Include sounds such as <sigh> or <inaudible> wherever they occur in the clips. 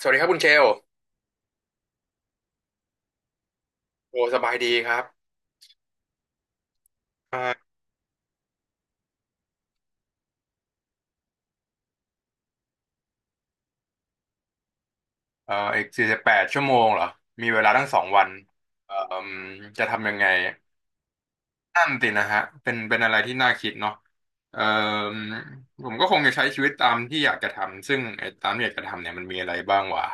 สวัสดีครับคุณเชลโอ้สบายดีครับอ่าอีก48 ชั่วโมงเหรอมีเวลาทั้ง2 วันเอ่อจะทำยังไง นั่นตินะฮะเป็นอะไรที่น่าคิดเนาะเอ่อผมก็คงจะใช้ชีวิตตามที่อยากจะทำซึ่งไอ้ตามที่อยากจะทำเนี่ยมันมีอะไรบ้างวะ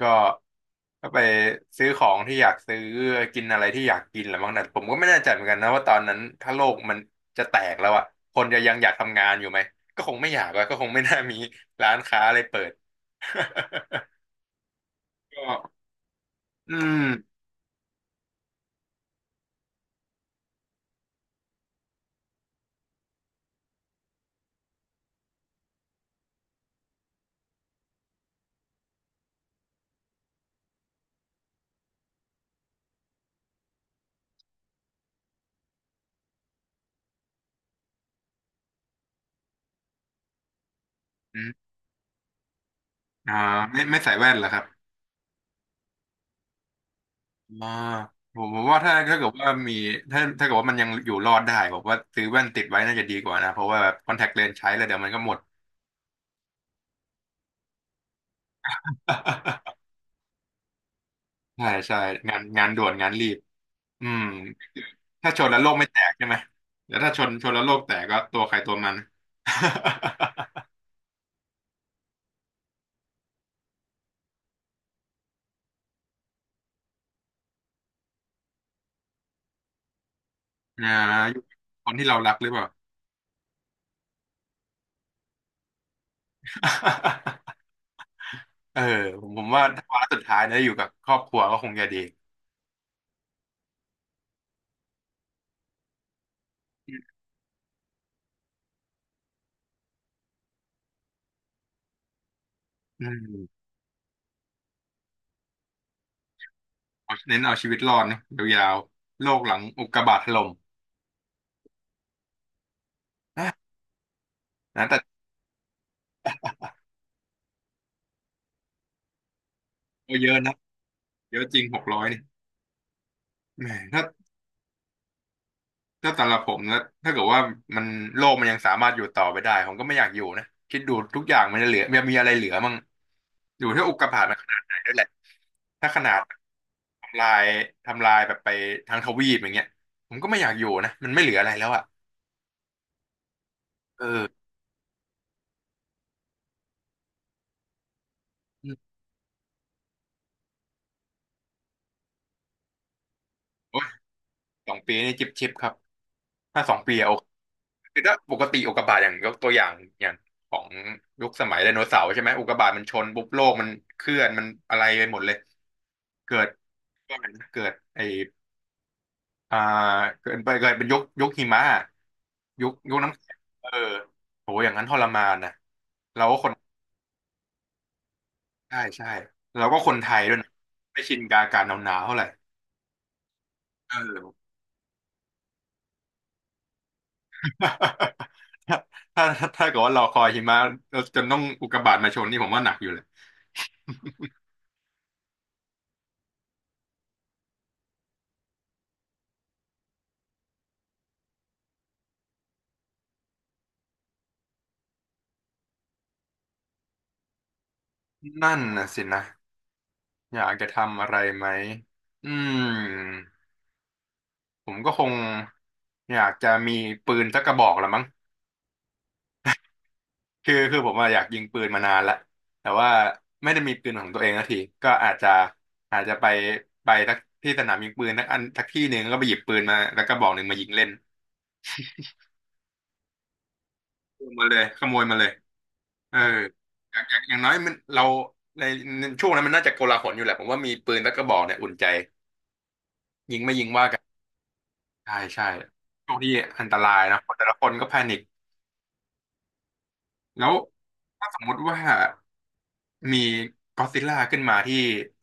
ก็ก็ไปซื้อของที่อยากซื้อกินอะไรที่อยากกินแหละมั้งแต่ผมก็ไม่แน่ใจเหมือนกันนะว่าตอนนั้นถ้าโลกมันจะแตกแล้วอะคนจะยังอยากทำงานอยู่ไหมก็คงไม่อยากแล้วก็คงไม่น่ามีร้านค้าอะไรเปิด <laughs> ก็อืมอมอ่าไม่ใส่แว่นเหรอครับ อ่าผมว่าถ้าเกิดว่ามีถ้าเกิดว่ามันยังอยู่รอดได้ผมว่าซื้อแว่นติดไว้น่าจะดีกว่านะเพราะว่าแบบคอนแทคเลนส์ใช้แล้วเดี๋ยวมันก็หมด <laughs> ใช่ใช่งานด่วนงานรีบอืมถ้าชนแล้วโลกไม่แตกใช่ไหมแล้วถ้าชนแล้วโลกแตกก็ตัวใครตัวมัน <laughs> อ่าอยู่กับคนที่เรารักหรือเปล่า <laughs> เออผมว่าถ้าวาระสุดท้ายนะอยู่กับครอบครัวก็คงจะดีอืมเน้นเอาชีวิตรอดนะยาวๆโลกหลังอุกกาบาตถล่ม <laughs> นะนะแต่เยอะนะ เยอะจริง600นี่แหมถ้าถ้าสำหรับผมนะถ้าเกิดว่ามันโลกมันยังสามารถอยู่ต่อไปได้ผมก็ไม่อยากอยู่นะคิดดูทุกอย่างมันจะเหลือมันมีอะไรเหลือมั่งอยู่ที่อุกกาบาตมันขนาดไหนด้วยแหละถ้าขนาดทำลายทำลายแบบไปทั้งทวีปอย่างเงี้ยผมก็ไม่อยากอยู่นะมันไม่เหลืออะไรแล้วอ่ะเอออืมโอ้ยสองปีนี่จิบชิบครับถ้าสองปีอะโอเคคือถ้าปกติอุกกาบาตอย่างยกตัวอย่างอย่างของยุคสมัยไดโนเสาร์ใช่ไหมอุกกาบาตมันชนปุ๊บโลกมันเคลื่อนมันอะไรไปหมดเลยเกิด เกิดไออ่าเกิดไปเกิดเป็นยุคหิมะยุคน้ำแข็งเออโหอย่างนั้นทรมานนะเราก็คนใช่ใช่เราก็คนไทยด้วยนะไม่ชินกับอากาศหนาวๆเท่าไหร่เออ <laughs> ถ้าเกิดว่าเราคอยหิมะเราจนต้องอุกกาบาตมาชนนี่ผมว่าหนักอยู่เลยนั่นนะสินะอยากจะทำอะไรไหมอืมผมก็คงอยากจะมีปืนสักกระบอกละมั้ง คือผมอะอยากยิงปืนมานานละแต่ว่าไม่ได้มีปืนของตัวเองสักทีก็อาจจะไปสักที่สนามยิงปืนสักอันสักที่หนึ่งแล้วก็ไปหยิบปืนมาแล้วก็บอกหนึ่งมายิงเล่นขโมยมาเลยขโมยมาเลยเอออย่างน้อยมันเราในช่วงนั้นมันน่าจะโกลาหลอยู่แหละผมว่ามีปืนแล้วก็บอกเนี่ยอุ่นใจยิงไม่ยิงใช่ใช่โชคที่อันตรายนะคนแต่ละคนก็แพนิคแล้วถ้าสมมุติว่ามีก็อดซิลล่าขึ้นมาที่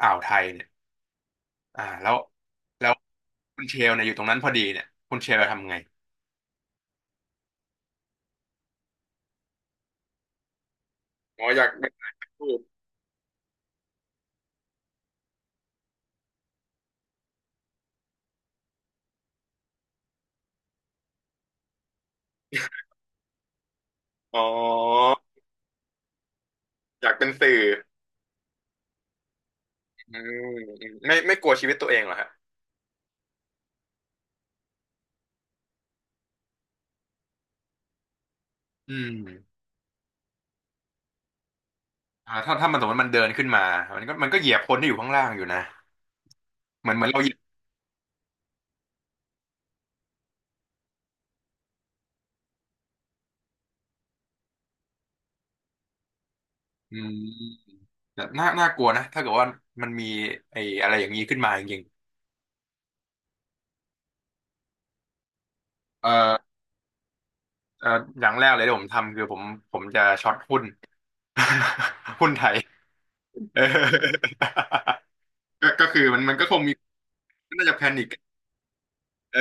อ่าวไทยเนี่ย อ่าแล้วแล้วคุณเชลเนี่ยอยู่ตรงนั้นพอดีเนี่ยคุณเชลจะทำไงอ๋ออยากเป็นนักพูดอ๋ออยากเป็นสื่ออืมไม่กลัวชีวิตตัวเองเหรอฮะอืมถ้ามันสมมติมันเดินขึ้นมามันก็เหยียบคนที่อยู่ข้างล่างอยู่นะเหมือนเราเหยียบอืมแต่น่ากลัวนะถ้าเกิดว่ามันมีไอ้อะไรอย่างนี้ขึ้นมาจริงๆเอ่ออย่างแรกเลยที่ผมทำคือผมจะช็อตหุ้น <laughs> หุ้นไทยเออก็คือมันก็คงมี น่าจะแพนิคเออ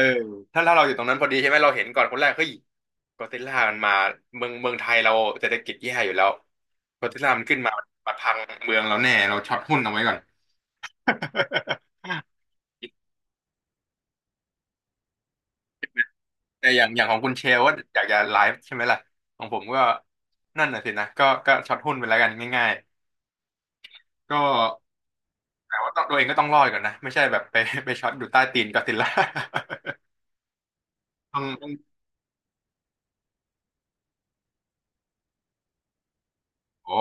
ถ้าเราอยู่ตรงนั้นพอดีใช่ไหมเราเห็นก่อนคนแรกเฮ้ยก็อดซิลล่ามันมาเมืองไทยเราเศรษฐกิจแย่อยู่แล้วก็อดซิลล่ามันขึ้นมามาพังเมืองเราแน่เราช็อตหุ้นเอาไว้ก่อน <laughs> แต่อย่างของคุณเชลว่าอยากจะไลฟ์ใช่ไหมล่ะของผมก็นั่นน่ะสินะก็ช็อตหุ้นไปแล้วกันง่ายๆก็แต่ว่าต้องตัวเองก็ต้องรอดก่อนนะไม่ใช่แบบไปช็อตอยู่ใต้ตีนก็อดซิลล่า <laughs> ต้องโอ้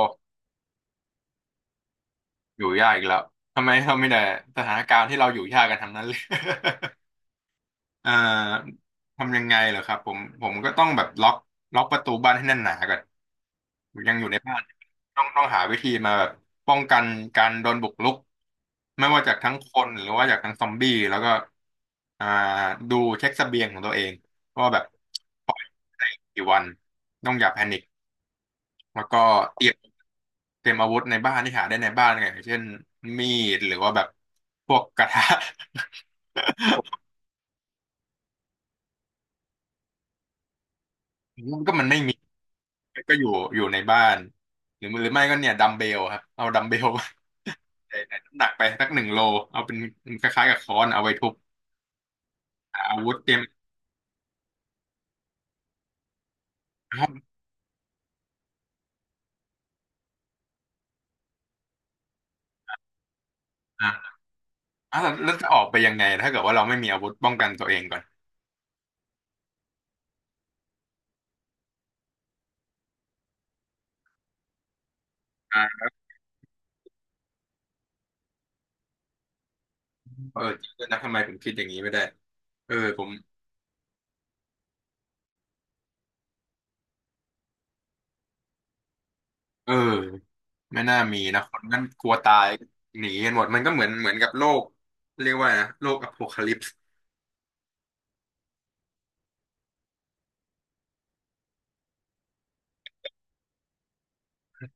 อยู่ยากอีกแล้วทำไมเราไม่ได้สถานการณ์ที่เราอยู่ยากกันทั้งนั้นเลย <laughs> เอ่อทำยังไงเหรอครับผมก็ต้องแบบล็อกประตูบ้านให้แน่นหนาก่อนยังอยู่ในบ้านต้องหาวิธีมาแบบป้องกันการโดนบุกรุกไม่ว่าจากทั้งคนหรือว่าจากทั้งซอมบี้แล้วก็อ่าดูเช็คเสบียงของตัวเองว่าแบบปล่อยได้กี่วันต้องอย่าแพนิค แล้วก็เตรียมเตรียมอาวุธในบ้านที่หาได้ในบ้านไงอย่างเช่นมีดหรือว่าแบบพวกกระทะ <laughs> มันก็มันไม่มีก็อยู่ในบ้านหรือหรือไม่ก็เนี่ยดัมเบลครับเอาดัมเบลใส่น้ำหนักไปสัก1 โลเอาเป็นคล้ายๆกับค้อนเอาไว้ทุบหาอาวุธเตรียมห้องอ่ะอ่ะแล้วแล้วจะออกไปยังไงถ้าเกิดว่าเราไม่มีอาวุธป้องกันตัวเองก่อนอ่าเออจริงด้วยนะทำไมผมคิดอย่างนี้ไม่ได้เออผมเออ ไม่น่ามีนะคนนั้นกลัวตายหนีกันหมดมันก็เหมือนเหมือนกับโลกเรียกว่านะโลกอโพคาลิปส์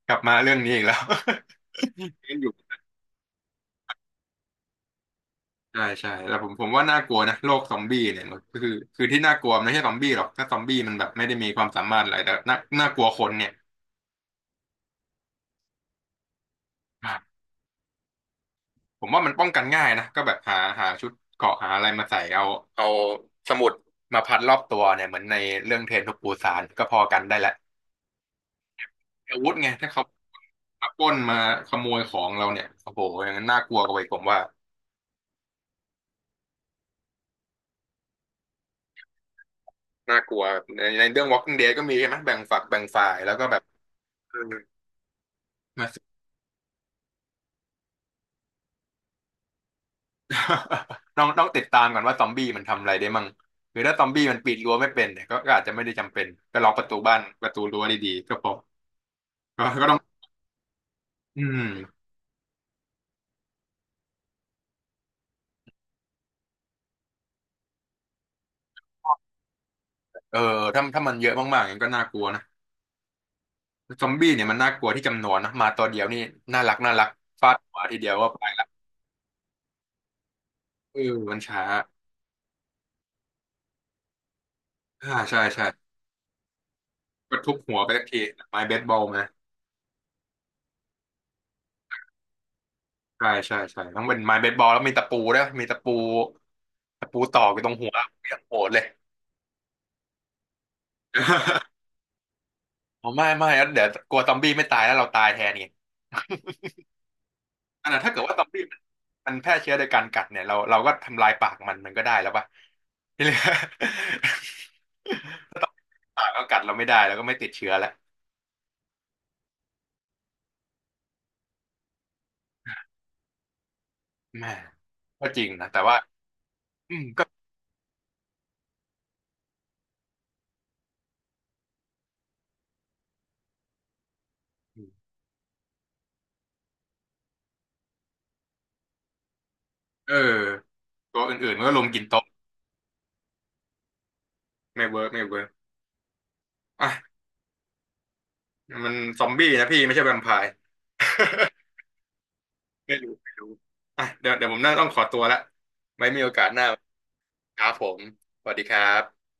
กลับมาเรื่องนี้อีกแล้ว <laughs> ยังอยู่ใช่ใช่แล้วผมว่าน่ากลัวนะโลกซอมบี้เนี่ยมันคือที่น่ากลัวมันไม่ใช่ซอมบี้หรอกถ้าซอมบี้มันแบบไม่ได้มีความสามารถอะไรแต่น่ากลัวคนเนี่ยผมว่ามันป้องกันง่ายนะก็แบบหาชุดเกราะหาอะไรมาใส่เอาเอาสมุดมาพันรอบตัวเนี่ยเหมือนในเรื่องเทรนทูปูซานก็พอกันได้ละ อาวุธไงถ้าเขามาปล้นมาขโมยของเราเนี่ยโอ้โหอย่างนั้นน่ากลัวกว่าอีกผมว่าน่ากลัวในในเรื่อง Walking Dead ก็มีใช่ไหมแบ่งฝักแบ่งฝ่ายแล้วก็แบบเออมา <laughs> ต้องติดตามก่อนว่าซอมบี้มันทำอะไรได้มั่งหรือถ้าซอมบี้มันปีนรั้วไม่เป็นเนี่ยก็ก็อาจจะไม่ได้จำเป็นก็ล็อกประตูบ้านประตูรั้วดีๆก็พอก็ก็ต้องอืมเออถ้าถ้ามันเยอะมากๆอย่างนั้นก็น่ากลัวนะซอมบี้เนี่ยมันน่ากลัวที่จำนวนนะมาตัวเดียวนี่น่ารักน่ารักฟาดหัวทีเดียวก็ไปละเออมันช้าอ่าใช่ใช่ ก็ทุบหัวไปสักทีไม้เบสบอลมาใช่ใช่ใช่ต้องเป็นไม้เบสบอลแล้วมีตะปูด้วยมีตะปูตะปูตอกอยู่ตรงหัวเรียางโหดเลย <laughs> อ๋อไม่ไม่เดี๋ยวกลัวซอมบี้ไม่ตายแล้วเราตายแทนไง <laughs> อันนั้นถ้าเกิดว่าซอมบี้มันแพร่เชื้อโดยการกัดเนี่ยเราก็ทำลายปากมันมันก็ได้แล้วป่ะ <laughs> ที่เหลือ <laughs> ถ้าต้องปากก็กัดเราไม่ได้แล้วก็ไม่ติดเชื้อแล้วแม่ก็จริงนะแต่ว่าอืมก็เออตัวอื่นๆมันก็ลงกินโต๊ะไม่เวิร์กไม่เวิร์กอ่ะ มันซอมบี้นะพี่ไม่ใช่แวมไพร์ <laughs> ไม่รู้ไม่รู้อ่ะเดี๋ยวผมน่าต้องขอตัวละไว้มีโอกาสหน้าครับผมสวัสดีครับ